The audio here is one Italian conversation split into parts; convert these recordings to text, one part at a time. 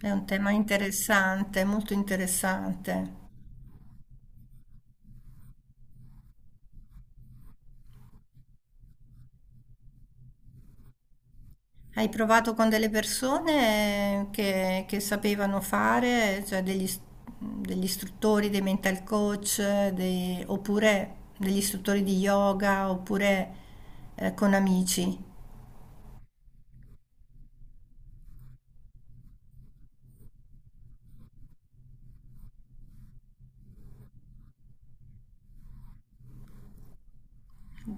È un tema interessante, molto interessante. Hai provato con delle persone che sapevano fare, cioè degli, degli istruttori, dei mental coach, oppure degli istruttori di yoga, oppure con amici.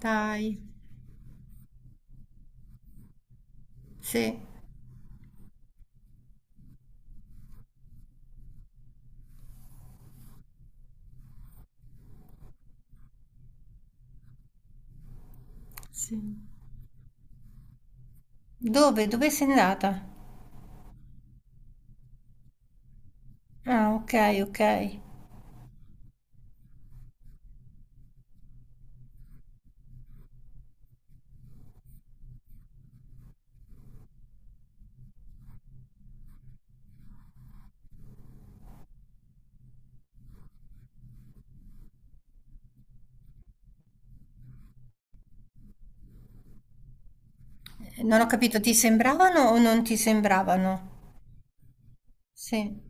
Dai, sì. Sì. Dove? Dove sei andata? Ah, ok, ok. Non ho capito, ti sembravano o non ti sembravano? Sì.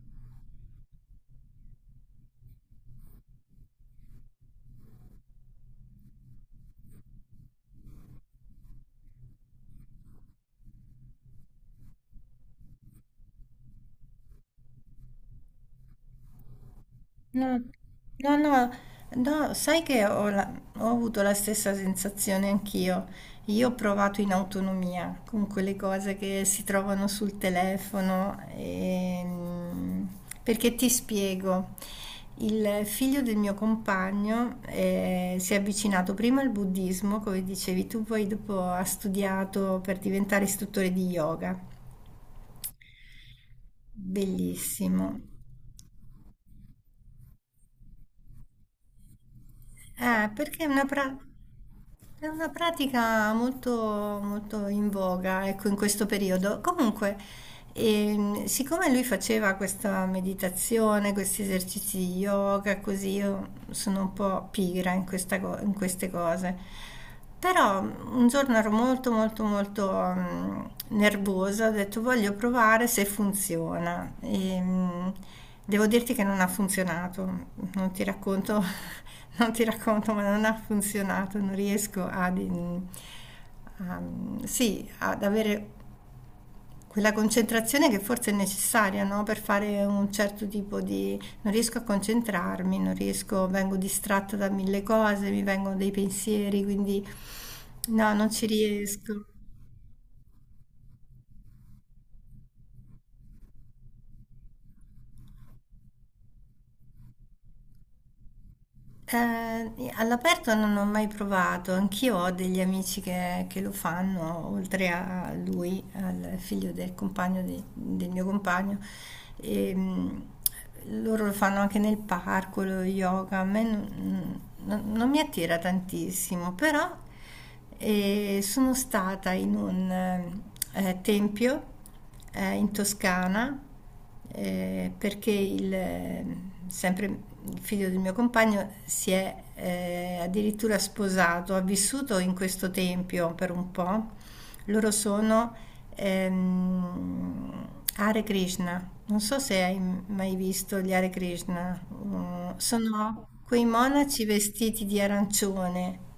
No, no, no, no, sai che ho, ho avuto la stessa sensazione anch'io. Io ho provato in autonomia con quelle cose che si trovano sul telefono. Perché ti spiego, il figlio del mio compagno si è avvicinato prima al buddismo, come dicevi tu, poi dopo ha studiato per diventare istruttore di yoga. Bellissimo. Perché è una, è una pratica molto, molto in voga, ecco, in questo periodo. Comunque, e siccome lui faceva questa meditazione, questi esercizi di yoga, così io sono un po' pigra in, in queste cose. Però un giorno ero molto molto molto nervosa, ho detto voglio provare se funziona. E, devo dirti che non ha funzionato, non ti racconto, non ti racconto, ma non ha funzionato, non riesco ad, in- a- mm, sì, ad avere quella concentrazione che forse è necessaria, no? Per fare un certo tipo di non riesco a concentrarmi, non riesco, vengo distratta da mille cose, mi vengono dei pensieri, quindi no, non ci riesco. All'aperto non ho mai provato, anch'io ho degli amici che lo fanno, oltre a lui, al figlio del del mio compagno. E, loro lo fanno anche nel parco, lo yoga, a me non mi attira tantissimo, però e sono stata in un tempio in Toscana perché sempre il figlio del mio compagno si è addirittura sposato, ha vissuto in questo tempio per un po'. Loro sono ehm, Hare Krishna. Non so se hai mai visto gli Hare Krishna. Mm, sono quei monaci vestiti di arancione.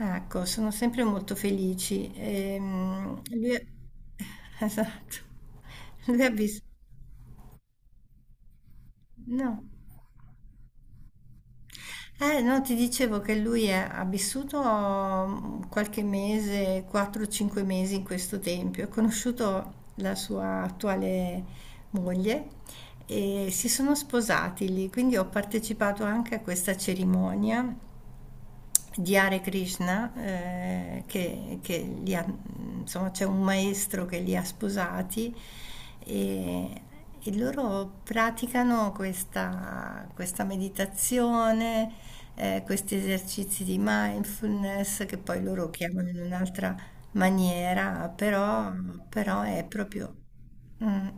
Ecco, sono sempre molto felici. Esatto. Lui ha vissuto No. No, ti dicevo che ha vissuto qualche mese, 4-5 mesi in questo tempio. Ha conosciuto la sua attuale moglie e si sono sposati lì, quindi ho partecipato anche a questa cerimonia di Hare Krishna, insomma, c'è un maestro che li ha sposati e, e loro praticano questa meditazione, questi esercizi di mindfulness che poi loro chiamano in un'altra maniera, però, però è proprio mm.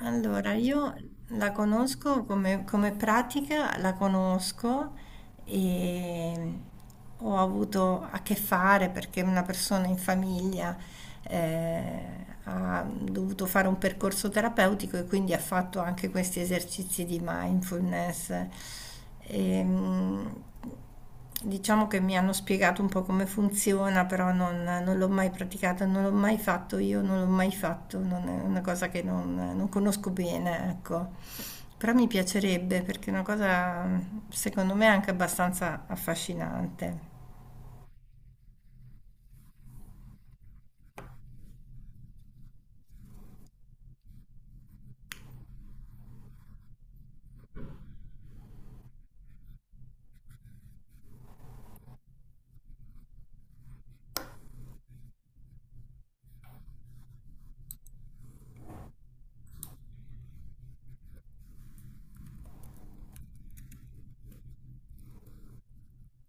Allora, io la conosco come pratica, la conosco e ho avuto a che fare perché una persona in famiglia ha dovuto fare un percorso terapeutico e quindi ha fatto anche questi esercizi di mindfulness. Ehm, Diciamo che mi hanno spiegato un po' come funziona, però non l'ho mai praticata, non l'ho mai fatto io, non l'ho mai fatto, non è una cosa che non conosco bene, ecco. Però mi piacerebbe perché è una cosa, secondo me, anche abbastanza affascinante.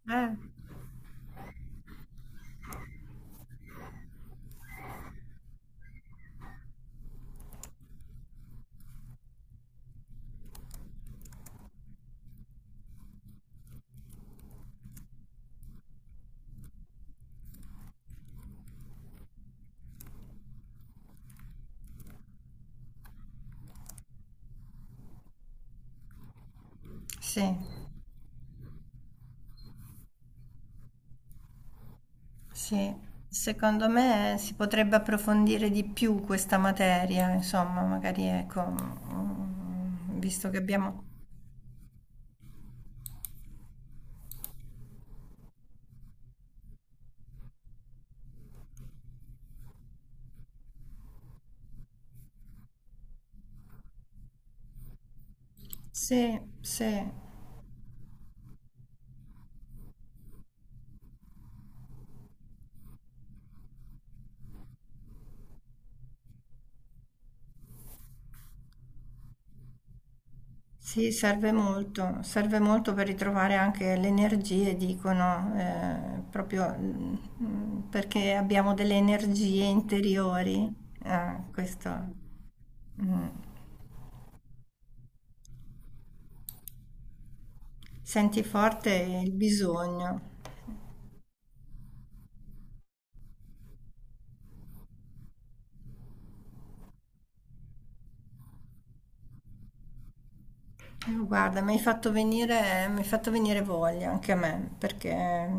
Eh, sì, sì. Secondo me si potrebbe approfondire di più questa materia, insomma, magari ecco, visto che abbiamo Sì, sì. Sì, serve molto per ritrovare anche le energie, dicono, proprio perché abbiamo delle energie interiori. Ah, questo, mm. Senti forte il bisogno. Guarda, mi hai fatto venire, mi hai fatto venire voglia anche a me, perché,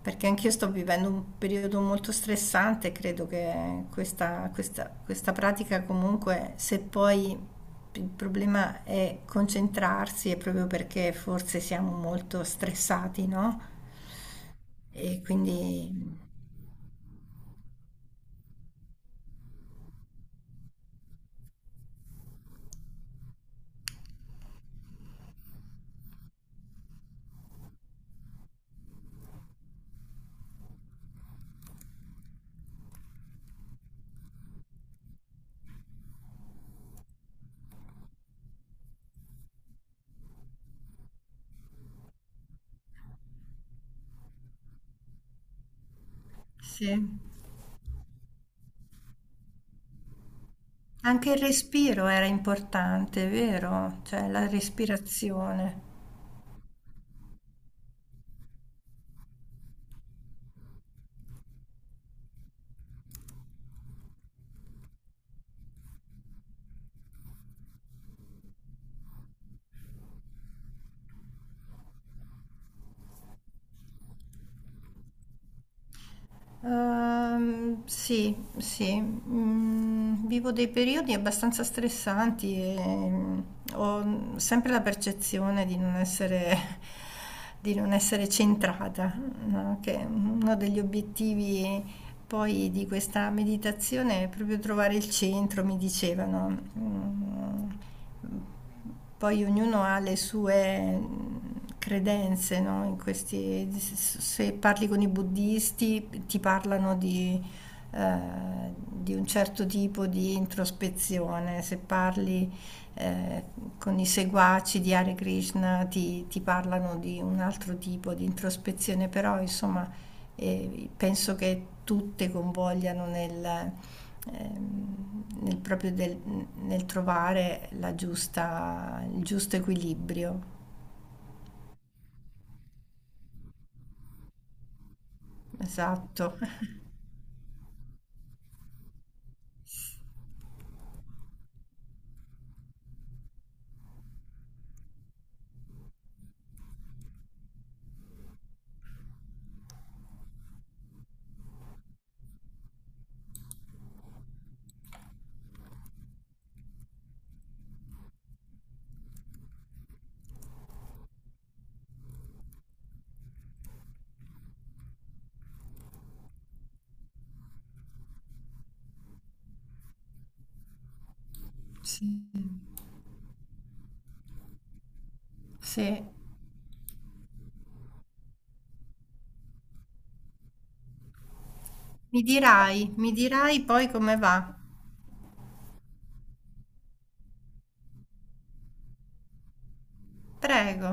perché anch'io sto vivendo un periodo molto stressante, credo che questa pratica comunque, se poi il problema è concentrarsi, è proprio perché forse siamo molto stressati, no? E quindi sì. Anche il respiro era importante, vero? Cioè la respirazione. Sì, sì, mm, vivo dei periodi abbastanza stressanti e ho sempre la percezione di non essere, di non essere centrata, no? Che uno degli obiettivi poi di questa meditazione è proprio trovare il centro, mi dicevano. Mm, poi ognuno ha le sue credenze, no? Se parli con i buddisti ti parlano eh, di un certo tipo di introspezione, se parli eh, con i seguaci di Hare Krishna ti parlano di un altro tipo di introspezione, però insomma penso che tutte convogliano ehm, nel proprio del- nel trovare la il giusto equilibrio. Esatto. Sì. Sì. Mi dirai poi come va. Prego.